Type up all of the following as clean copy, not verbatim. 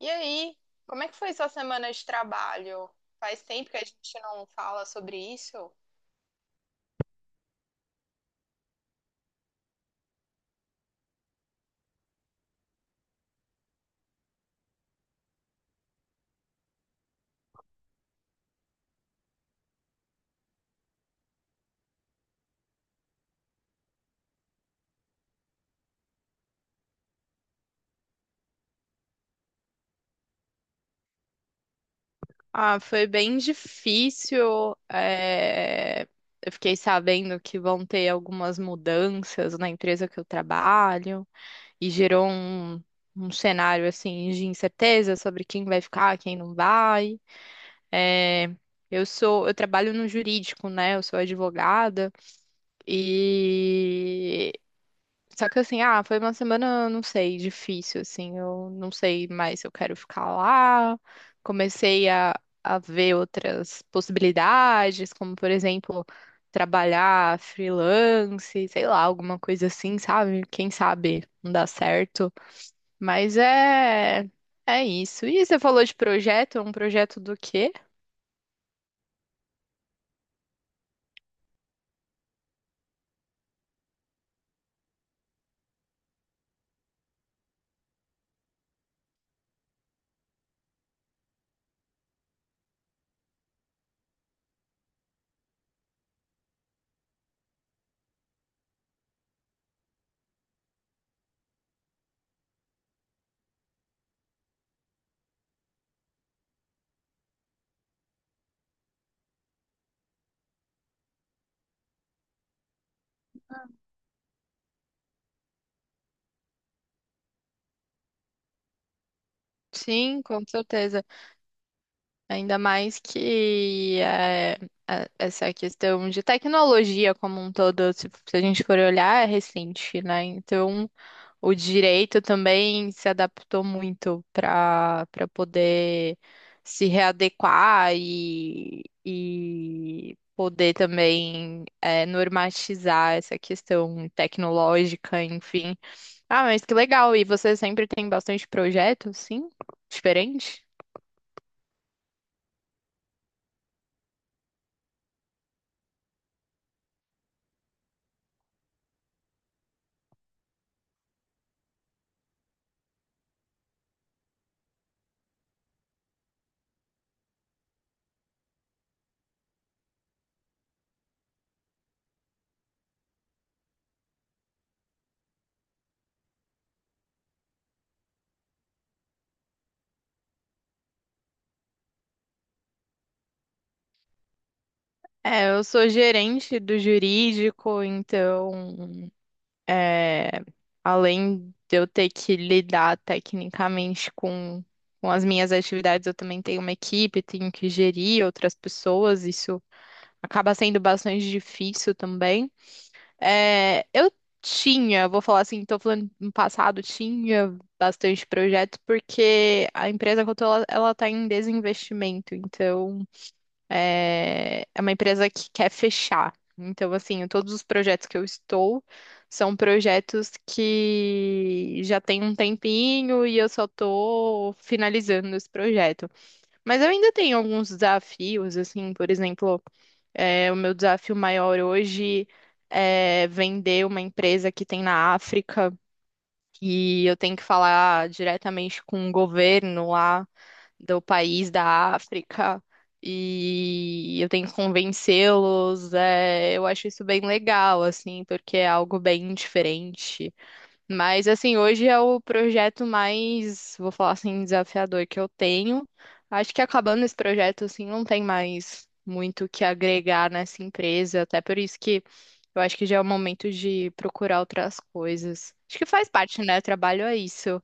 E aí, como é que foi sua semana de trabalho? Faz tempo que a gente não fala sobre isso. Ah, foi bem difícil. Eu fiquei sabendo que vão ter algumas mudanças na empresa que eu trabalho e gerou um cenário assim de incerteza sobre quem vai ficar, quem não vai. É, eu trabalho no jurídico, né? Eu sou advogada e só que assim, ah, foi uma semana, não sei, difícil, assim, eu não sei mais se eu quero ficar lá. Comecei a, a ver outras possibilidades, como por exemplo, trabalhar freelance, sei lá, alguma coisa assim, sabe? Quem sabe não dá certo. Mas é, é isso. E você falou de projeto, é um projeto do quê? Sim, com certeza. Ainda mais que essa questão de tecnologia como um todo, se a gente for olhar, é recente, né? Então, o direito também se adaptou muito para poder se readequar e poder também normatizar essa questão tecnológica, enfim. Ah, mas que legal! E você sempre tem bastante projeto, sim? Diferente? É, eu sou gerente do jurídico, então, é, além de eu ter que lidar tecnicamente com as minhas atividades, eu também tenho uma equipe, tenho que gerir outras pessoas, isso acaba sendo bastante difícil também. É, eu tinha, vou falar assim, tô falando no passado, tinha bastante projetos, porque a empresa que eu tô, ela tá em desinvestimento, então. É, é uma empresa que quer fechar. Então, assim, todos os projetos que eu estou são projetos que já tem um tempinho e eu só estou finalizando esse projeto. Mas eu ainda tenho alguns desafios, assim, por exemplo, o meu desafio maior hoje é vender uma empresa que tem na África e eu tenho que falar diretamente com o governo lá do país da África e eu tenho que convencê-los. Eu acho isso bem legal, assim, porque é algo bem diferente. Mas, assim, hoje é o projeto mais, vou falar assim, desafiador que eu tenho. Acho que acabando esse projeto, assim, não tem mais muito o que agregar nessa empresa, até por isso que eu acho que já é o momento de procurar outras coisas. Acho que faz parte, né? Trabalho é isso.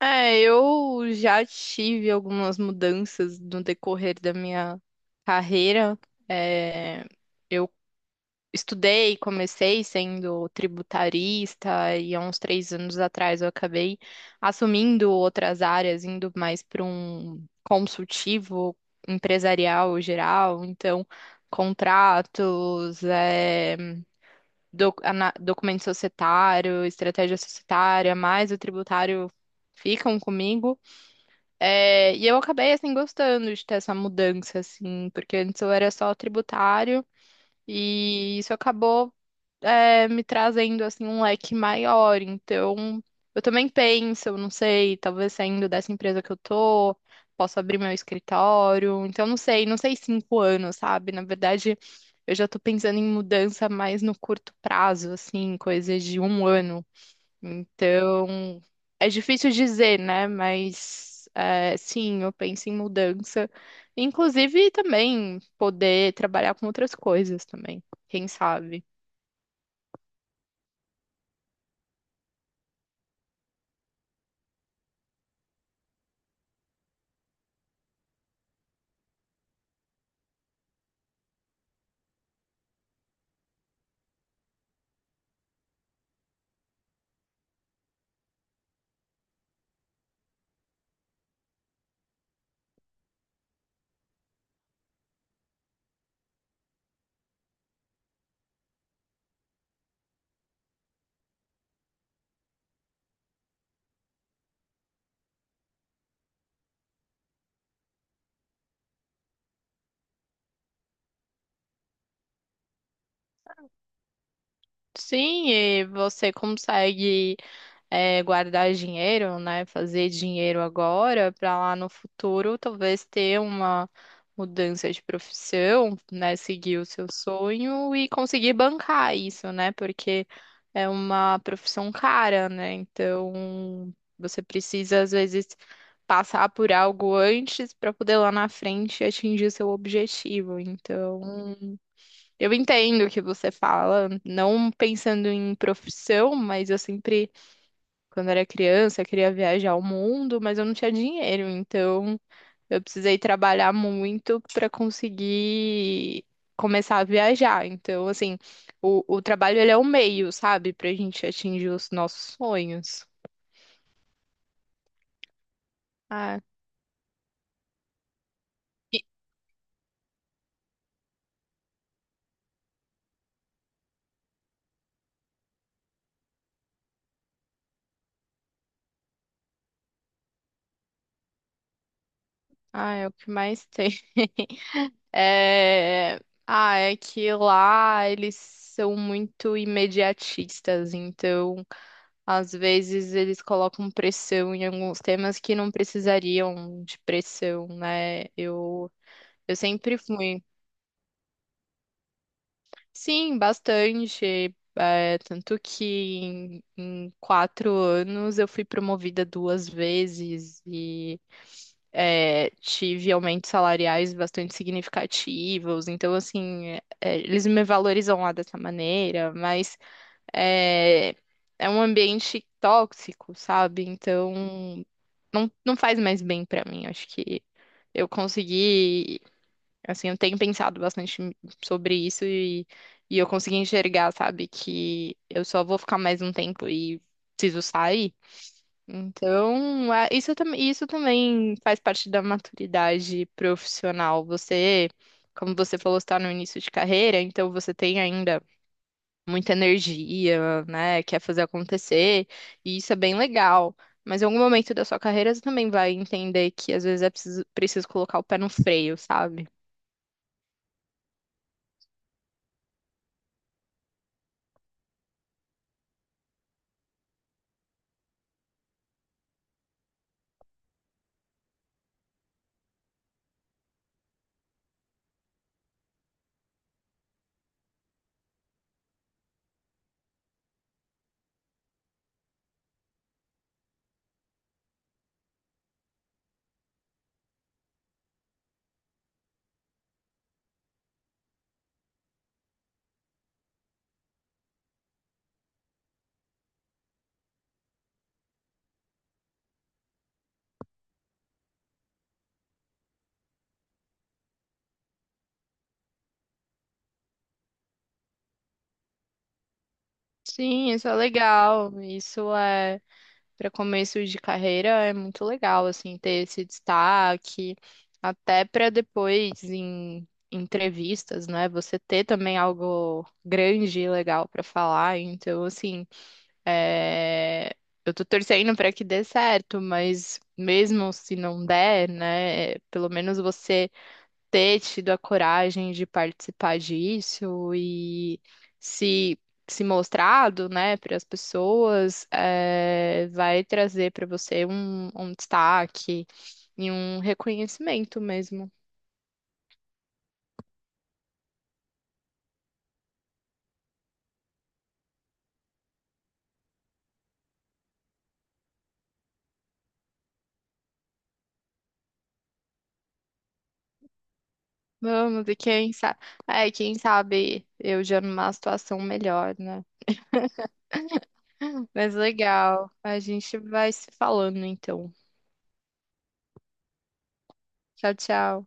É, eu já tive algumas mudanças no decorrer da minha carreira. É, eu estudei, comecei sendo tributarista e há uns três anos atrás eu acabei assumindo outras áreas, indo mais para um consultivo empresarial geral, então contratos, documento societário, estratégia societária, mais o tributário ficam comigo. É, e eu acabei, assim, gostando de ter essa mudança, assim, porque antes eu era só tributário e isso acabou, me trazendo, assim, um leque maior. Então, eu também penso, eu não sei, talvez saindo dessa empresa que eu tô, posso abrir meu escritório. Então, não sei, não sei cinco anos, sabe? Na verdade, eu já tô pensando em mudança mais no curto prazo, assim, coisas de um ano. Então, é difícil dizer, né? Mas é, sim, eu penso em mudança. Inclusive também poder trabalhar com outras coisas também, quem sabe. Sim, e você consegue. Guardar dinheiro, né? Fazer dinheiro agora para lá no futuro talvez ter uma mudança de profissão, né? Seguir o seu sonho e conseguir bancar isso, né? Porque é uma profissão cara, né? Então você precisa às vezes passar por algo antes para poder lá na frente atingir seu objetivo. Então, eu entendo o que você fala, não pensando em profissão, mas eu sempre quando eu era criança, eu queria viajar ao mundo, mas eu não tinha dinheiro, então eu precisei trabalhar muito para conseguir começar a viajar. Então, assim, o trabalho ele é o meio, sabe, pra gente atingir os nossos sonhos. Ah, ah, é o que mais tem. É, ah, é que lá eles são muito imediatistas, então às vezes eles colocam pressão em alguns temas que não precisariam de pressão, né? Eu sempre fui. Sim, bastante. Tanto que em quatro anos eu fui promovida duas vezes e tive aumentos salariais bastante significativos. Então, assim, eles me valorizam lá dessa maneira, mas é, é um ambiente tóxico, sabe? Então não, não faz mais bem pra mim. Acho que eu consegui, assim, eu tenho pensado bastante sobre isso e eu consegui enxergar, sabe, que eu só vou ficar mais um tempo e preciso sair. Então, isso, isso também faz parte da maturidade profissional. Você, como você falou, está no início de carreira, então você tem ainda muita energia, né? Quer fazer acontecer, e isso é bem legal. Mas em algum momento da sua carreira você também vai entender que às vezes é preciso colocar o pé no freio, sabe? Sim, isso é legal. Isso é para começo de carreira, é muito legal assim ter esse destaque, até para depois em entrevistas, né? Você ter também algo grande e legal para falar. Então, assim, é, eu tô torcendo pra que dê certo, mas mesmo se não der, né, pelo menos você ter tido a coragem de participar disso e se se mostrado, né, para as pessoas, é, vai trazer pra você um destaque e um reconhecimento mesmo. Vamos, e quem sabe, é, quem sabe eu já numa situação melhor, né? Mas legal. A gente vai se falando então. Tchau, tchau.